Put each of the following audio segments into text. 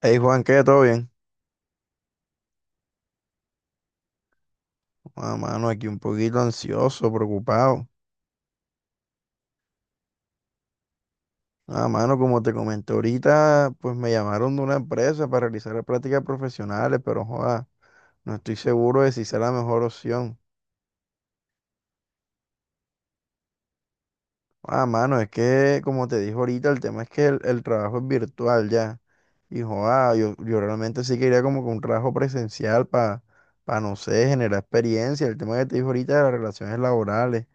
Hey Juan, ¿qué? ¿Todo bien? Ah, mano, aquí un poquito ansioso, preocupado. Ah, mano, como te comenté ahorita, pues me llamaron de una empresa para realizar prácticas profesionales, pero joda, no estoy seguro de si sea la mejor opción. Ah, mano, es que, como te dije ahorita, el tema es que el trabajo es virtual ya. Y joda, yo realmente sí quería como que un trabajo presencial para, no sé, generar experiencia. El tema que te dije ahorita de las relaciones laborales.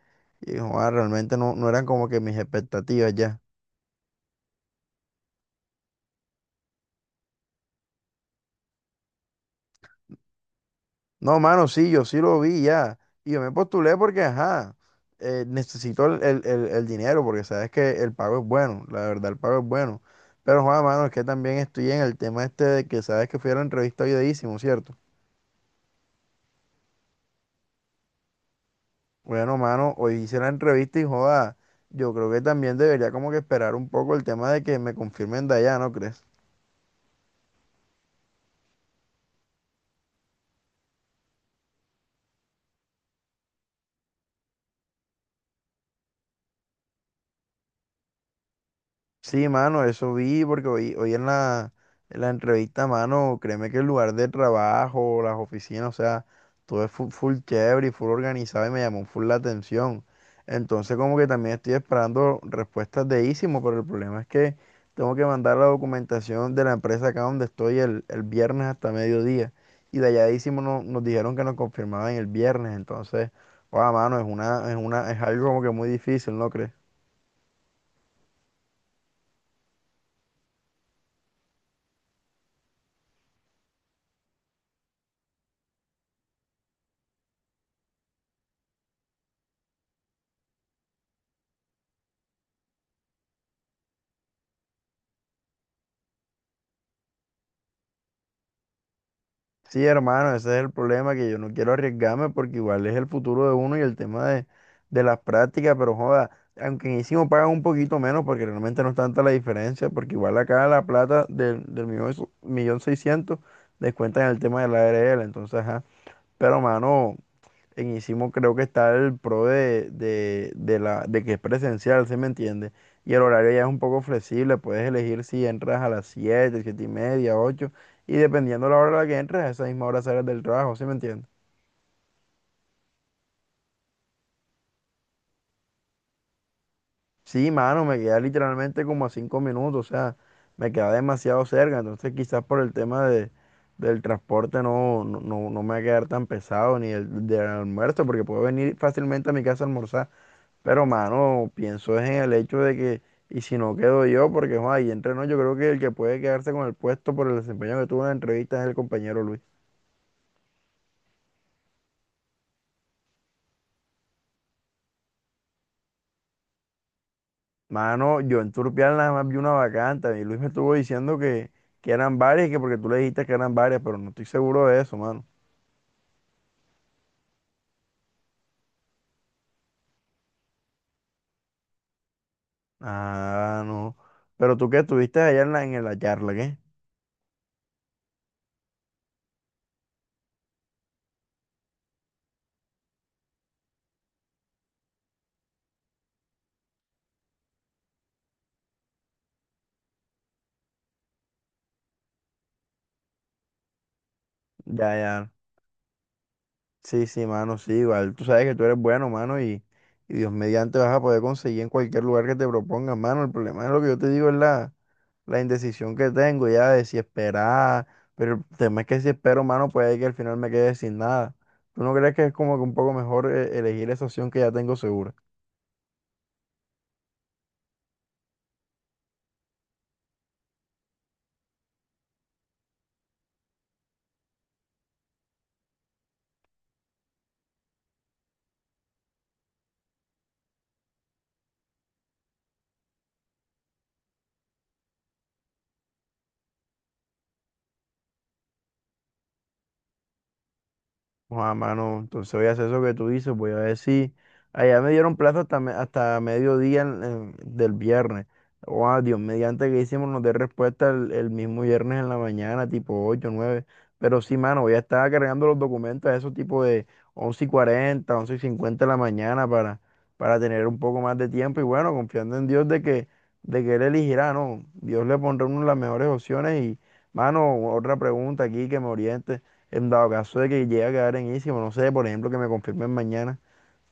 Y joda, realmente no eran como que mis expectativas ya. No, mano, sí, yo sí lo vi ya. Y yo me postulé porque, ajá, necesito el dinero porque sabes que el pago es bueno, la verdad, el pago es bueno. Pero, Juan, mano, es que también estoy en el tema este de que sabes que fui a la entrevista hoy de Ísimo, ¿cierto? Bueno, mano, hoy hice la entrevista y, joda, yo creo que también debería como que esperar un poco el tema de que me confirmen de allá, ¿no crees? Sí, mano, eso vi porque hoy en la entrevista, mano, créeme que el lugar de trabajo, las oficinas, o sea, todo es full, full chévere y full organizado y me llamó full la atención. Entonces como que también estoy esperando respuestas de Ísimo, pero el problema es que tengo que mandar la documentación de la empresa acá donde estoy el viernes hasta mediodía. Y de allá de Ísimo nos dijeron que nos confirmaban el viernes, entonces, wow, mano, es algo como que muy difícil, ¿no crees? Sí, hermano, ese es el problema, que yo no quiero arriesgarme porque igual es el futuro de uno y el tema de las prácticas, pero joda, aunque en ISIMO pagan un poquito menos porque realmente no es tanta la diferencia, porque igual acá la plata del millón seiscientos descuentan el tema de la ARL, entonces, ajá, pero mano, en Isimo creo que está el pro de que es presencial, ¿se me entiende? Y el horario ya es un poco flexible, puedes elegir si entras a las siete, 7 y media, 8 y dependiendo la hora a la que entres, a esa misma hora sales del trabajo, ¿se me entiende? Sí, mano, me queda literalmente como a 5 minutos, o sea, me queda demasiado cerca, entonces quizás por el tema del transporte no, no, no, no me va a quedar tan pesado, ni el del almuerzo, porque puedo venir fácilmente a mi casa a almorzar. Pero, mano, pienso es en el hecho de que, y si no quedo yo, porque, Juan, ahí entre nos, yo creo que el que puede quedarse con el puesto por el desempeño que tuvo en la entrevista es el compañero Luis. Mano, yo en Turpial nada más vi una vacante, y Luis me estuvo diciendo que eran varias, que porque tú le dijiste que eran varias, pero no estoy seguro de eso, mano. Ah, no. Pero tú que estuviste allá en la charla, ¿qué? Ya, ya. Sí, sí, mano, sí, igual. Tú sabes que tú eres bueno, mano, y Dios mediante vas a poder conseguir en cualquier lugar que te propongan, mano. El problema es lo que yo te digo, es la indecisión que tengo ya de si esperar, pero el tema es que si espero, mano, puede que al final me quede sin nada. ¿Tú no crees que es como que un poco mejor elegir esa opción que ya tengo segura? Joder, mano, entonces voy a hacer eso que tú dices, voy a ver si allá me dieron plazo hasta, hasta mediodía del viernes. Joder, Dios, mediante que hicimos nos dé respuesta el mismo viernes en la mañana, tipo 8 nueve. Pero sí, mano, voy a estar cargando los documentos a esos tipo de once y 40, 11:50 de la mañana para tener un poco más de tiempo y bueno, confiando en Dios de que Él elegirá, ¿no? Dios le pondrá a uno las mejores opciones y, mano, otra pregunta aquí que me oriente. En dado caso de que llegue a quedar en Easy, o no sé, por ejemplo, que me confirmen mañana,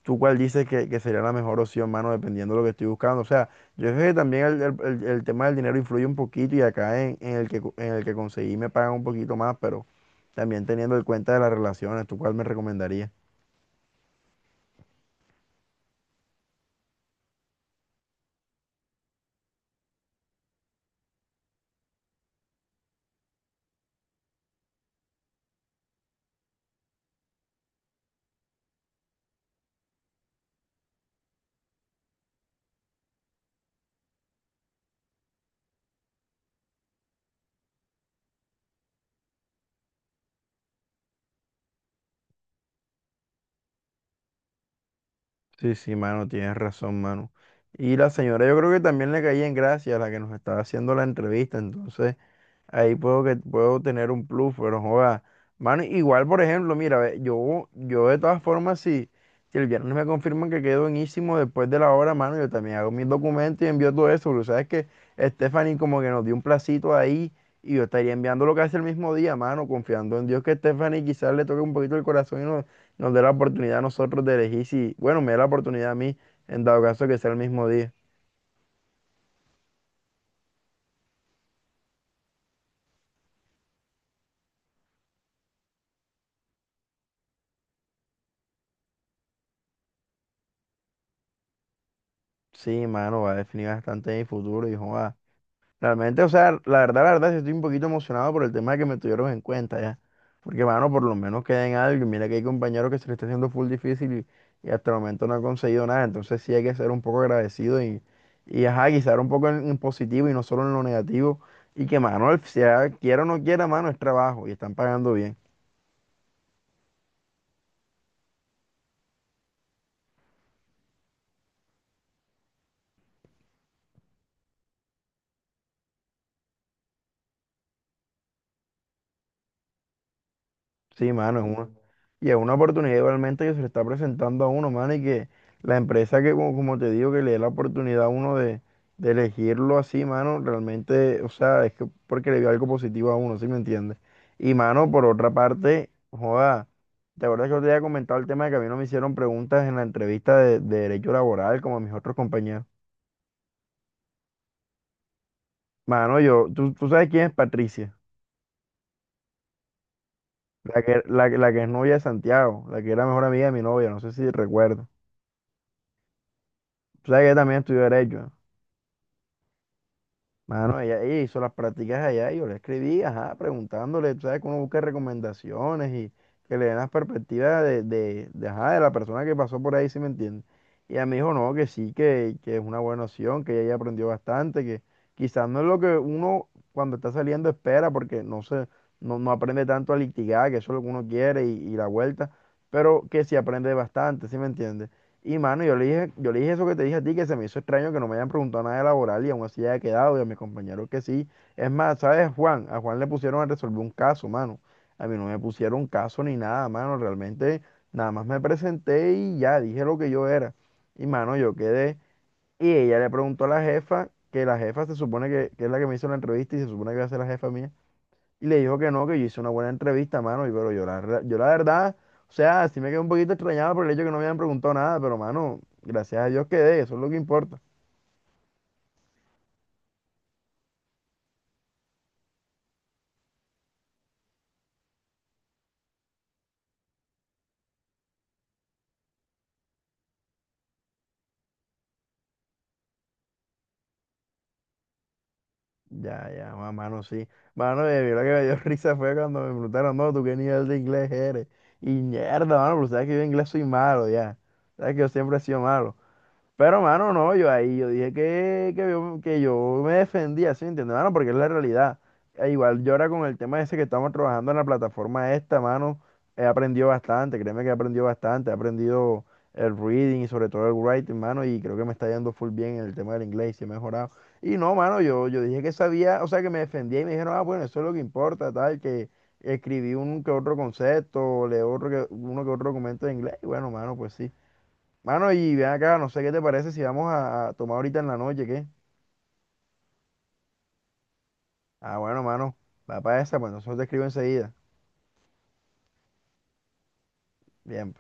¿tú cuál dices que sería la mejor opción, mano, dependiendo de lo que estoy buscando? O sea, yo sé que también el tema del dinero influye un poquito y acá en el que, en el que conseguí me pagan un poquito más, pero también teniendo en cuenta de las relaciones, ¿tú cuál me recomendarías? Sí, sí, mano, tienes razón, mano. Y la señora, yo creo que también le caí en gracia, la que nos estaba haciendo la entrevista, entonces. Ahí puedo que puedo tener un plus, pero joda. Mano, igual, por ejemplo, mira, ve, yo de todas formas, si el viernes me confirman que quedo en Ísimo después de la hora, mano, yo también hago mis documentos y envío todo eso, porque sabes que Stephanie como que nos dio un placito ahí y yo estaría enviando lo que hace el mismo día, mano, confiando en Dios que Stephanie quizás le toque un poquito el corazón y nos dé la oportunidad a nosotros de elegir si, bueno, me da la oportunidad a mí, en dado caso que sea el mismo día. Sí, mano, va a definir bastante mi futuro, hijo. Realmente, o sea, la verdad, sí estoy un poquito emocionado por el tema de que me tuvieron en cuenta ya. Porque, mano, por lo menos queda en algo. Y mira que hay compañeros que se le está haciendo full difícil y hasta el momento no han conseguido nada. Entonces sí hay que ser un poco agradecido y ajá, quizá un poco en positivo y no solo en lo negativo. Y que, mano, sea quiera o no quiera, mano, es trabajo y están pagando bien. Sí, mano, y es una oportunidad igualmente que se le está presentando a uno, mano, y que la empresa que, como te digo, que le dé la oportunidad a uno de elegirlo así, mano, realmente, o sea, es que porque le vio algo positivo a uno, ¿sí me entiendes? Y, mano, por otra parte, joda, ¿te acuerdas que yo te había comentado el tema de que a mí no me hicieron preguntas en la entrevista de derecho laboral como a mis otros compañeros? Mano, tú sabes quién es Patricia, la que es novia de Santiago, la que era mejor amiga de mi novia, no sé si recuerdo. Tú sabes que ella también estudió derecho, ¿no? Mano, ella hizo las prácticas allá y yo le escribí, ajá, preguntándole, tú sabes que uno busca recomendaciones y que le den las perspectivas de, ajá, de la persona que pasó por ahí, si me entiende. Y ella me dijo, no, que sí, que es una buena opción, que ella ya aprendió bastante, que quizás no es lo que uno cuando está saliendo espera, porque no se, no, no aprende tanto a litigar, que eso es lo que uno quiere y la vuelta, pero que sí aprende bastante, si me entiende. Y mano, yo le dije eso que te dije a ti, que se me hizo extraño que no me hayan preguntado nada de laboral y aún así haya quedado y a mis compañeros que sí. Es más, ¿sabes, Juan? A Juan le pusieron a resolver un caso, mano. A mí no me pusieron caso ni nada, mano. Realmente nada más me presenté y ya dije lo que yo era. Y mano, yo quedé. Y ella le preguntó a la jefa, que la jefa se supone que es la que me hizo la entrevista y se supone que va a ser la jefa mía. Y le dijo que no, que yo hice una buena entrevista, mano, y pero yo yo la verdad, o sea, sí me quedé un poquito extrañado por el hecho que no me habían preguntado nada, pero mano, gracias a Dios quedé, eso es lo que importa. Ya, ya, mano, sí. Mano, y lo que me dio risa fue cuando me preguntaron, no, ¿tú qué nivel de inglés eres? Y mierda, mano, pero sabes que yo en inglés soy malo, ya. Sabes que yo siempre he sido malo. Pero, mano, no, yo ahí, yo dije que yo me defendía, ¿sí? ¿Entiendes? Mano, porque es la realidad. E igual yo ahora con el tema ese que estamos trabajando en la plataforma esta, mano, he aprendido bastante, créeme que he aprendido bastante, he aprendido el reading y sobre todo el writing, mano, y creo que me está yendo full bien en el tema del inglés, sí he mejorado. Y no, mano, yo dije que sabía, o sea, que me defendía y me dijeron, ah, bueno, eso es lo que importa, tal, que escribí un que otro concepto, leo otro que, uno que otro documento de inglés, y bueno, mano, pues sí. Mano, y ven acá, no sé qué te parece si vamos a tomar ahorita en la noche, ¿qué? Ah, bueno, mano, va para esa, pues nosotros te escribo enseguida. Bien.